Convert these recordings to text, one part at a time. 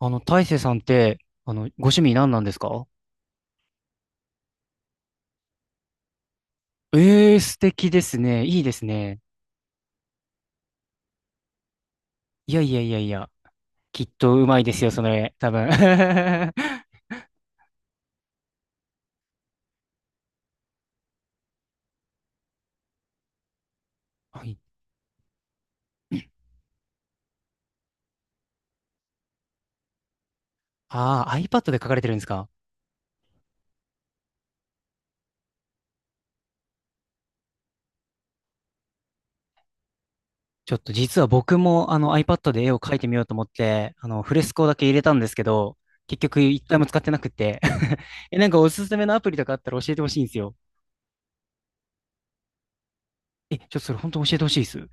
大成さんって、ご趣味何なんですか？ええー、素敵ですね。いいですね。いやいやいやいや。きっとうまいですよ、それ。多分。はい。ああ、iPad で描かれてるんですか？ちょっと実は僕もiPad で絵を描いてみようと思って、フレスコだけ入れたんですけど、結局一回も使ってなくて。え、なんかおすすめのアプリとかあったら教えてほしいんですよ。え、ちょっとそれ本当教えてほしいです。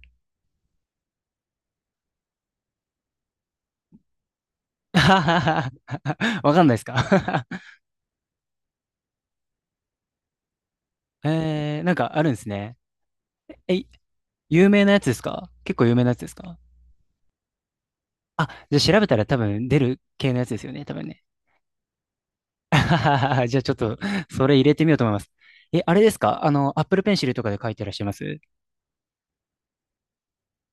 わかんないですか？ なんかあるんですね。え、有名なやつですか？結構有名なやつですか？あ、じゃあ調べたら多分出る系のやつですよね、多分ね。じゃあちょっと、それ入れてみようと思います。え、あれですか？Apple Pencil とかで書いてらっしゃいます？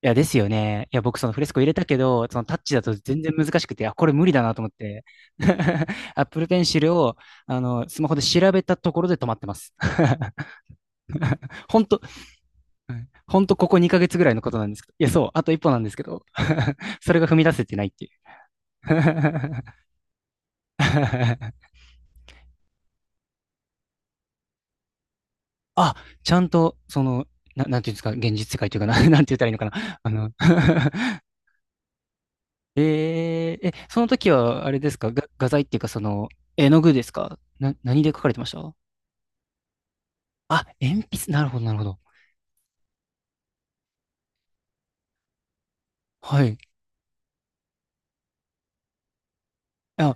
いや、ですよね。いや、僕そのフレスコ入れたけど、そのタッチだと全然難しくて、あ、これ無理だなと思って。Apple Pencil を、スマホで調べたところで止まってます。ほんと、うん、ほんとここ2ヶ月ぐらいのことなんですけど。いや、そう、あと一歩なんですけど、それが踏み出せてないっていう。あ、ちゃんと、その、なんていうんですか、現実世界というかな、なんて言ったらいいのかな。え、その時は、あれですか、が画材っていうか、その、絵の具ですかな、何で描かれてました？あ、鉛筆、なるほど、なるほど。はい。あ、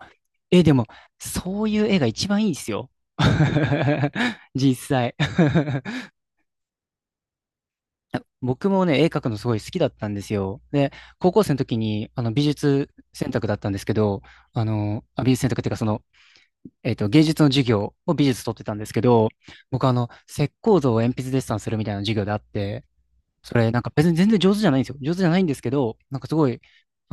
え、でも、そういう絵が一番いいですよ。実際。僕もね、絵描くのすごい好きだったんですよ。で、高校生の時に、美術選択だったんですけど、美術選択っていうか、その、芸術の授業を美術取ってたんですけど、僕石膏像を鉛筆デッサンするみたいな授業であって、それなんか別に全然上手じゃないんですよ。上手じゃないんですけど、なんかすごい、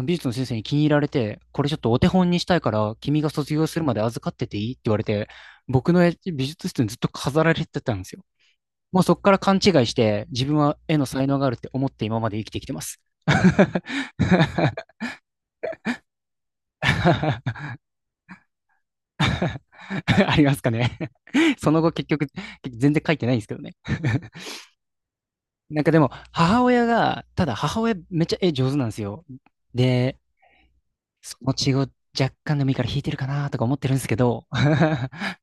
美術の先生に気に入られて、これちょっとお手本にしたいから、君が卒業するまで預かってていいって言われて、僕の絵美術室にずっと飾られてたんですよ。もうそこから勘違いして、自分は絵の才能があるって思って今まで生きてきてます。ありますかね？ その後結局、全然書いてないんですけどね。なんかでも、母親が、ただ母親めっちゃ絵上手なんですよ。で、その血を若干でもいいから引いてるかなとか思ってるんですけど、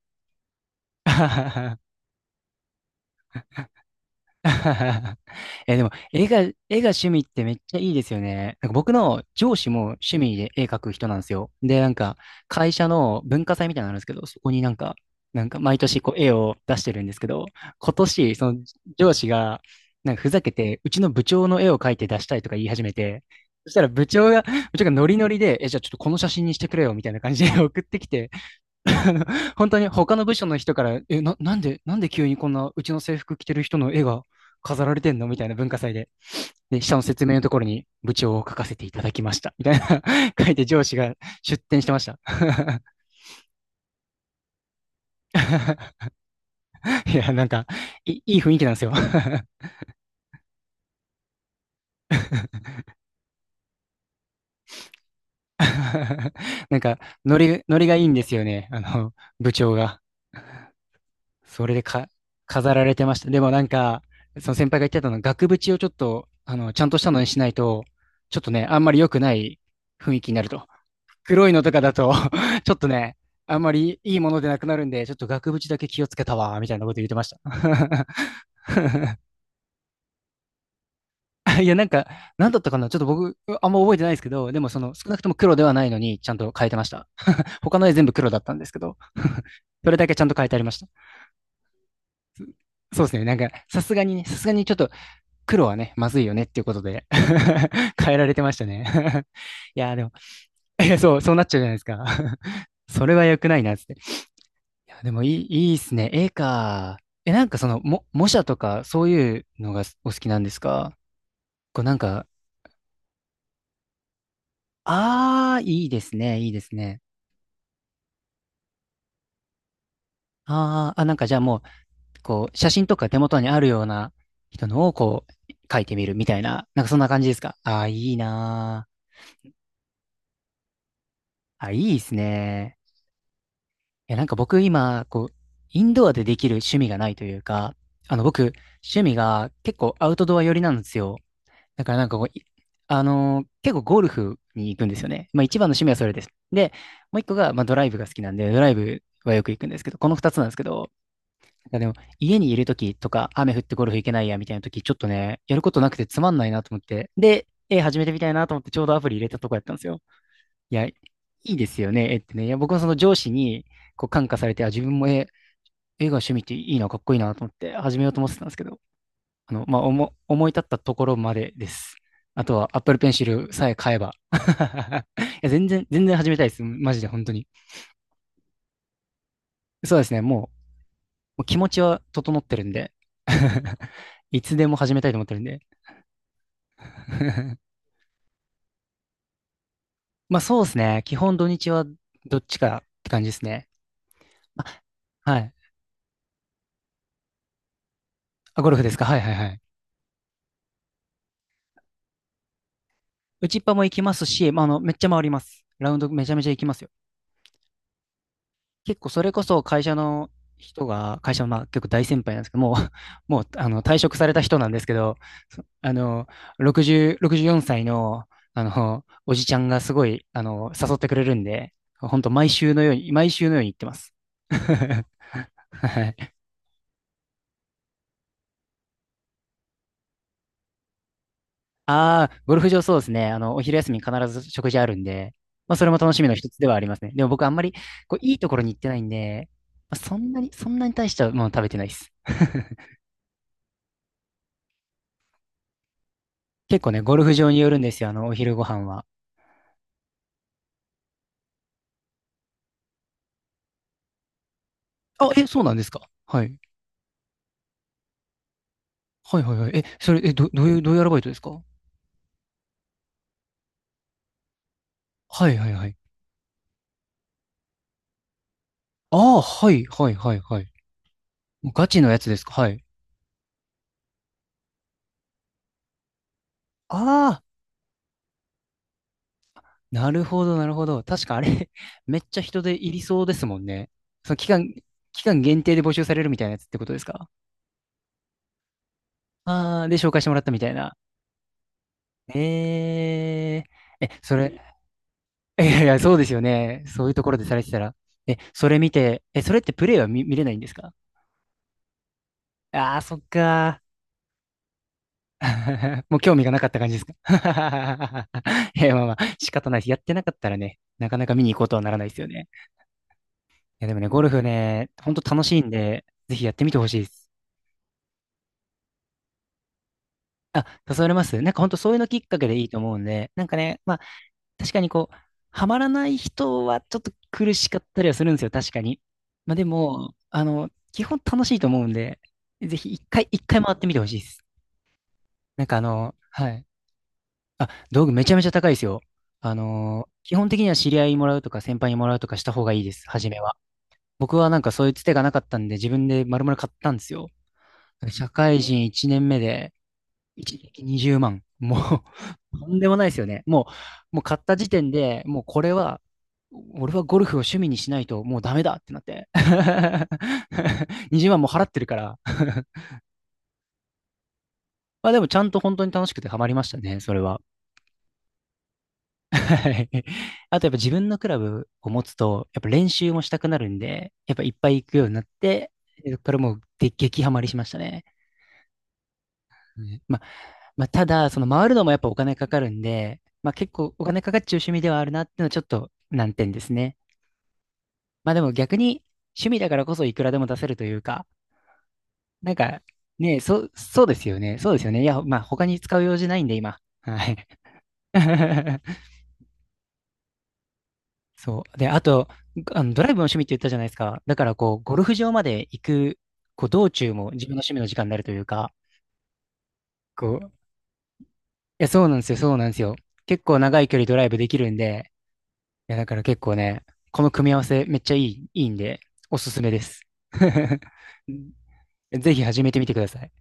え、でも、絵が趣味ってめっちゃいいですよね。なんか僕の上司も趣味で絵描く人なんですよ。で、なんか、会社の文化祭みたいなのあるんですけど、そこになんか、なんか毎年こう絵を出してるんですけど、今年、その上司が、なんかふざけて、うちの部長の絵を描いて出したいとか言い始めて、そしたら部長がノリノリで、え、じゃあちょっとこの写真にしてくれよ、みたいな感じで送ってきて、本当に他の部署の人から、え、なんで急にこんなうちの制服着てる人の絵が飾られてんのみたいな文化祭で。で、下の説明のところに部長を書かせていただきました。みたいな 書いて上司が出展してました。いや、なんか、いい雰囲気なんですよ。なんか、ノリがいいんですよね。部長が。それでか、飾られてました。でもなんか、その先輩が言ってたのは、額縁をちょっと、ちゃんとしたのにしないと、ちょっとね、あんまり良くない雰囲気になると。黒いのとかだと ちょっとね、あんまりいいものでなくなるんで、ちょっと額縁だけ気をつけたわ、みたいなこと言ってました。いや、なんか、なんだったかなちょっと僕、あんま覚えてないですけど、でもその、少なくとも黒ではないのに、ちゃんと変えてました。他の絵全部黒だったんですけど、それだけちゃんと変えてありました。そうですね。なんか、さすがにね、さすがにちょっと黒はね、まずいよねっていうことで 変えられてましたね。 いや、でも、いやそう、そうなっちゃうじゃないですか。 それは良くないな、つって。いや、でもいいっすね。絵か。え、なんかその、模写とか、そういうのがお好きなんですか？こうなんか、ああ、いいですね、いいですね。あああ、なんかじゃあもう、こう、写真とか手元にあるような人のをこう、描いてみるみたいな、なんかそんな感じですか？ああー、いいなー。あ、いいですね。いや、なんか僕今、こう、インドアでできる趣味がないというか、僕、趣味が結構アウトドア寄りなんですよ。だからなんかこう、いあのー結構ゴルフに行くんですよね。まあ一番の趣味はそれです。で、もう一個が、まあドライブが好きなんで、ドライブはよく行くんですけど、この二つなんですけど、なんかでも家にいる時とか、雨降ってゴルフ行けないやみたいな時、ちょっとね、やることなくてつまんないなと思って、で、始めてみたいなと思ってちょうどアプリ入れたとこやったんですよ。いや、いいですよね、絵ってね。いや、僕はその上司にこう感化されて、あ、自分も絵が趣味っていいな、かっこいいなと思って始めようと思ってたんですけど、まあ、思い立ったところまでです。あとは Apple Pencil さえ買えば。いや、全然、全然始めたいです。マジで、本当に。そうですね、もう気持ちは整ってるんで、いつでも始めたいと思ってるんで。まあ、そうですね。基本土日はどっちかって感じですね。あ、はい。あ、ゴルフですか。はいはいはい。打ちっぱも行きますし、まあ、めっちゃ回ります。ラウンドめちゃめちゃ行きますよ。結構それこそ会社の人が、会社のまあ結構大先輩なんですけど、もう、もう退職された人なんですけど、そあの、60、64歳の、おじちゃんがすごい、誘ってくれるんで、本当毎週のように、毎週のように行ってます。はい。ああ、ゴルフ場そうですね。お昼休み必ず食事あるんで、まあ、それも楽しみの一つではありますね。でも僕あんまり、いいところに行ってないんで、そんなに大したもの食べてないです。結構ね、ゴルフ場によるんですよ、お昼ご飯は。あ、え、そうなんですか。はい。はいはいはい。え、それ、え、ど、どういう、どういうアルバイトですか？はいはいはい。ああ、はいはいはいはい。もうガチのやつですか？はい。あ、なるほど、なるほど。確かあれ めっちゃ人でいりそうですもんね。その期間、期間限定で募集されるみたいなやつってことですか？ああー、で、紹介してもらったみたいな。えー、え、それ、いやいや、そうですよね。そういうところでされてたら。え、それ見て、え、それってプレイは見れないんですか？ああー、そっかー。もう興味がなかった感じですか？ いや、まあまあ、仕方ないです。やってなかったらね、なかなか見に行こうとはならないですよね。いや、でもね、ゴルフね、ほんと楽しいんで、ぜひやってみてほしいです。あ、誘われます？なんか本当そういうのきっかけでいいと思うんで、なんかね、まあ確かにこう、ハマらない人はちょっと苦しかったりはするんですよ、確かに。まあでも、基本楽しいと思うんで、ぜひ一回、一回回ってみてほしいです。はい。あ、道具めちゃめちゃ高いですよ。あの、基本的には知り合いにもらうとか先輩にもらうとかした方がいいです、初めは。僕はなんかそういうつてがなかったんで自分で丸々買ったんですよ。社会人1年目で、一撃20万。もう とんでもないですよね。もう買った時点で、もうこれは、俺はゴルフを趣味にしないともうダメだってなって。20万も払ってるから。まあでもちゃんと本当に楽しくてハマりましたね、それは。はい。あとやっぱ自分のクラブを持つと、やっぱ練習もしたくなるんで、やっぱいっぱい行くようになって、それからもうで激ハマりしましたね。ねまあ、ただ、その回るのもやっぱお金かかるんで、まあ結構お金かかっちゃう趣味ではあるなっていうのはちょっと難点ですね。まあでも逆に趣味だからこそいくらでも出せるというか、なんかね、そうですよね。そうですよね。いや、まあ他に使う用事ないんで今。はい。そう。で、あと、あの、ドライブの趣味って言ったじゃないですか。だからこう、ゴルフ場まで行く、こう、道中も自分の趣味の時間になるというか、いや、そうなんですよ、そうなんですよ。結構長い距離ドライブできるんで、いや、だから結構ね、この組み合わせめっちゃいい、いいんで、おすすめです。ぜひ始めてみてください。